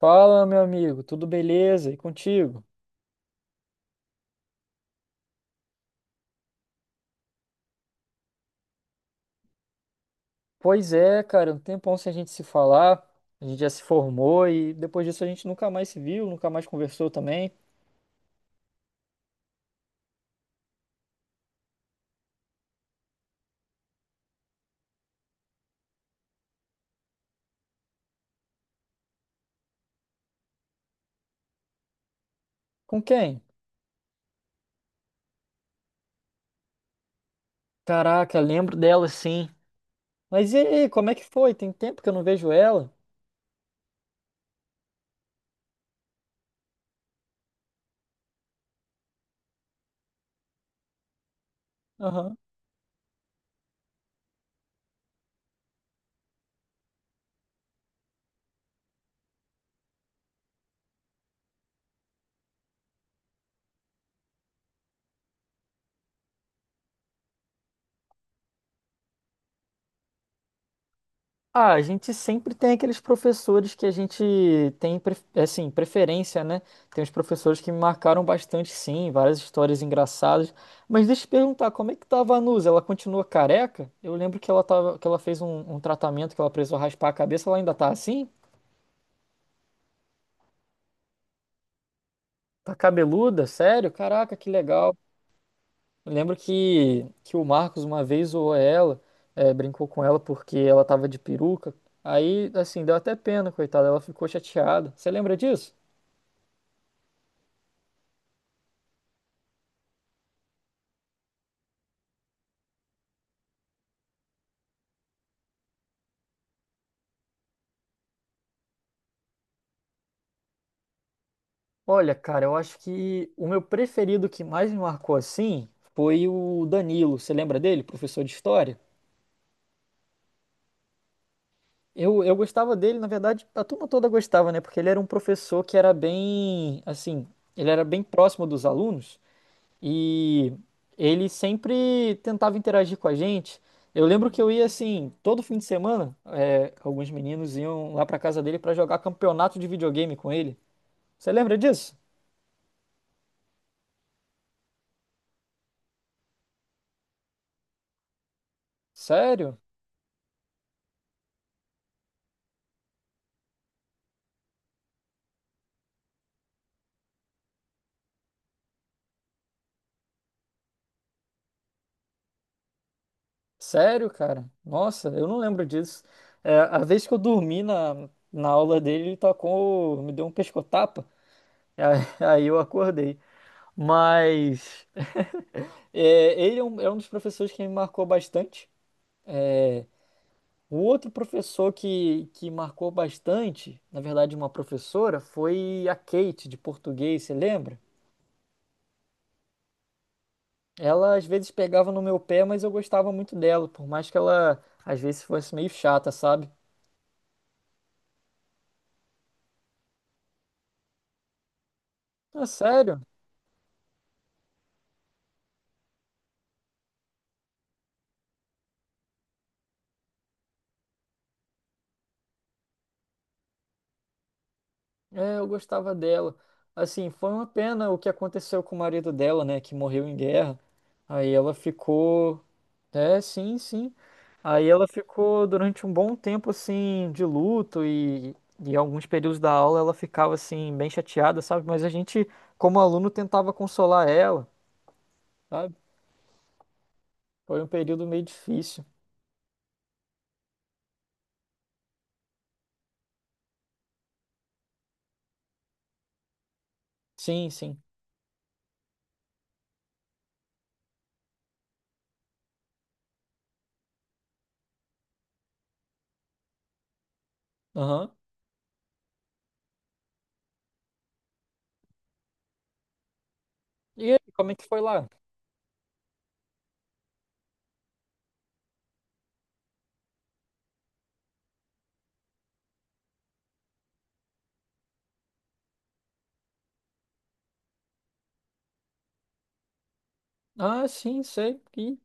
Fala, meu amigo, tudo beleza? E contigo? Pois é, cara, um tempão sem a gente se falar, a gente já se formou e depois disso a gente nunca mais se viu, nunca mais conversou também. Com quem? Caraca, lembro dela sim. Mas e aí, como é que foi? Tem tempo que eu não vejo ela? Ah, a gente sempre tem aqueles professores que a gente tem, assim, preferência, né? Tem uns professores que me marcaram bastante, sim, várias histórias engraçadas. Mas deixa eu te perguntar, como é que tava a Vanusa? Ela continua careca? Eu lembro que ela tava, que ela fez um tratamento que ela precisou raspar a cabeça, ela ainda tá assim? Tá cabeluda? Sério? Caraca, que legal. Eu lembro que o Marcos uma vez zoou ela, brincou com ela porque ela tava de peruca. Aí, assim, deu até pena, coitada, ela ficou chateada. Você lembra disso? Olha, cara, eu acho que o meu preferido que mais me marcou assim foi o Danilo. Você lembra dele, professor de história? Eu gostava dele, na verdade, a turma toda gostava, né? Porque ele era um professor que era bem, assim, ele era bem próximo dos alunos e ele sempre tentava interagir com a gente. Eu lembro que eu ia, assim, todo fim de semana, é, alguns meninos iam lá pra casa dele pra jogar campeonato de videogame com ele. Você lembra disso? Sério? Sério, cara? Nossa, eu não lembro disso. É, a vez que eu dormi na aula dele, ele tacou, me deu um pescotapa, aí, aí eu acordei. Mas é, ele é um dos professores que me marcou bastante. O outro professor que marcou bastante, na verdade, uma professora, foi a Kate, de português, você lembra? Ela às vezes pegava no meu pé, mas eu gostava muito dela, por mais que ela às vezes fosse meio chata, sabe? É sério. É, eu gostava dela. Assim, foi uma pena o que aconteceu com o marido dela, né, que morreu em guerra. Aí ela ficou, é, sim, sim. Aí ela ficou durante um bom tempo assim de luto e alguns períodos da aula ela ficava assim bem chateada, sabe? Mas a gente, como aluno, tentava consolar ela, sabe? Foi um período meio difícil. Sim, sim. Aham. E aí, como é que foi lá? Ah, sim, sei. Ih.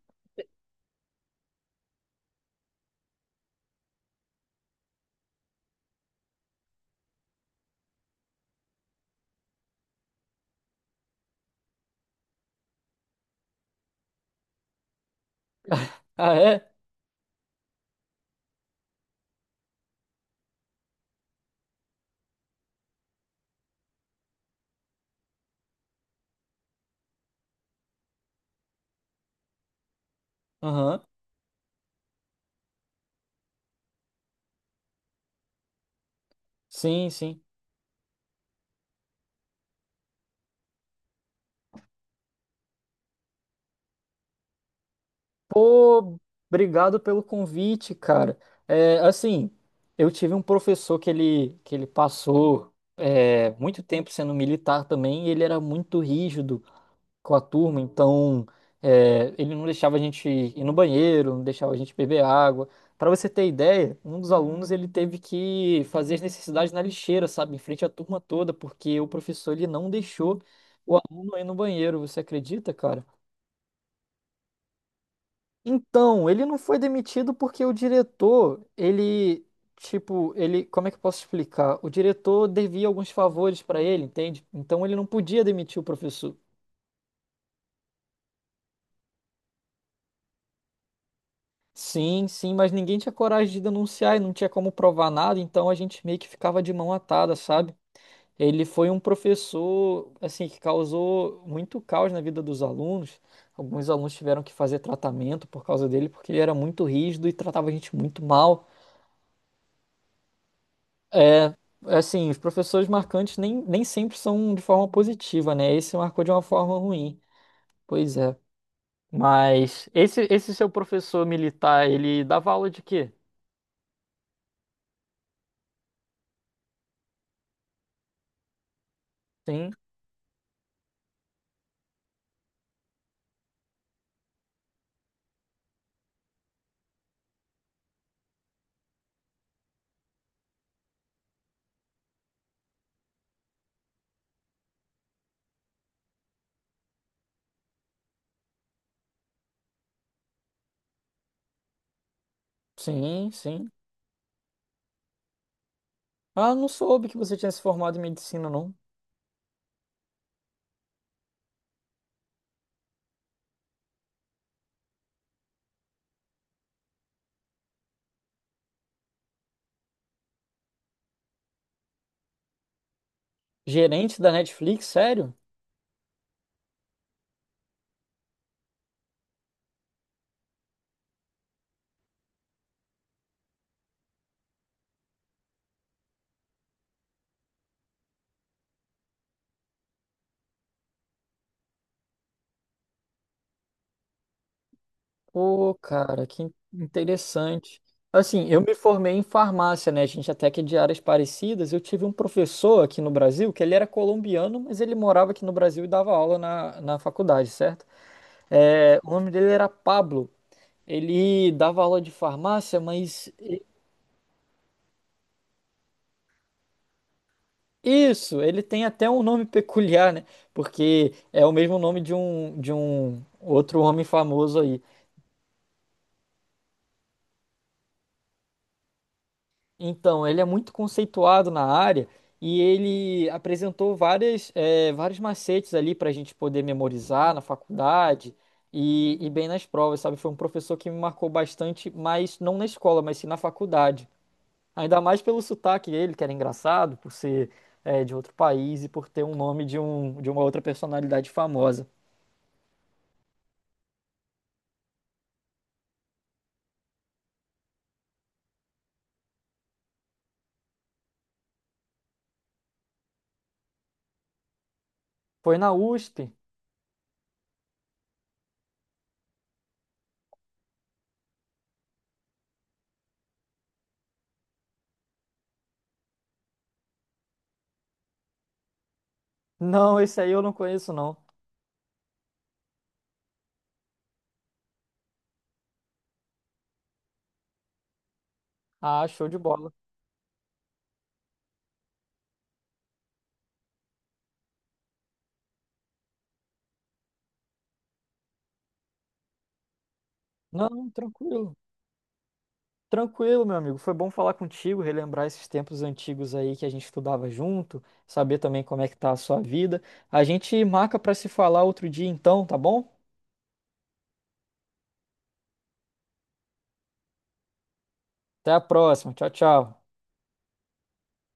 Ah, é? Aham. Sim, sim. Pô, obrigado pelo convite, cara. É, assim, eu tive um professor que ele passou é, muito tempo sendo militar também, e ele era muito rígido com a turma, então é, ele não deixava a gente ir no banheiro, não deixava a gente beber água. Para você ter ideia, um dos alunos ele teve que fazer as necessidades na lixeira, sabe, em frente à turma toda, porque o professor ele não deixou o aluno ir no banheiro. Você acredita, cara? Então, ele não foi demitido porque o diretor, ele, tipo, ele, como é que eu posso explicar? O diretor devia alguns favores para ele, entende? Então ele não podia demitir o professor. Sim, sim, mas ninguém tinha coragem de denunciar e não tinha como provar nada, então a gente meio que ficava de mão atada, sabe? Ele foi um professor, assim, que causou muito caos na vida dos alunos. Alguns alunos tiveram que fazer tratamento por causa dele, porque ele era muito rígido e tratava a gente muito mal. É, assim, os professores marcantes nem, nem sempre são de forma positiva, né? Esse marcou de uma forma ruim. Pois é. Mas esse seu professor militar, ele dava aula de quê? Sim, sim, sim. Ah, não soube que você tinha se formado em medicina, não. Gerente da Netflix, sério? Pô, cara, que interessante. Assim, eu me formei em farmácia, né? A gente até que é de áreas parecidas. Eu tive um professor aqui no Brasil, que ele era colombiano, mas ele morava aqui no Brasil e dava aula na faculdade, certo? É, o nome dele era Pablo. Ele dava aula de farmácia, mas isso, ele tem até um nome peculiar, né? Porque é o mesmo nome de um outro homem famoso aí. Então, ele é muito conceituado na área e ele apresentou várias, vários macetes ali para a gente poder memorizar na faculdade e bem nas provas, sabe? Foi um professor que me marcou bastante, mas não na escola, mas sim na faculdade. Ainda mais pelo sotaque dele, que era engraçado, por ser, de outro país e por ter um nome de, um, de uma outra personalidade famosa. Foi na USP? Não, esse aí eu não conheço, não. Ah, show de bola. Não, tranquilo. Tranquilo, meu amigo. Foi bom falar contigo, relembrar esses tempos antigos aí que a gente estudava junto, saber também como é que tá a sua vida. A gente marca para se falar outro dia então, tá bom? Até a próxima. Tchau, tchau.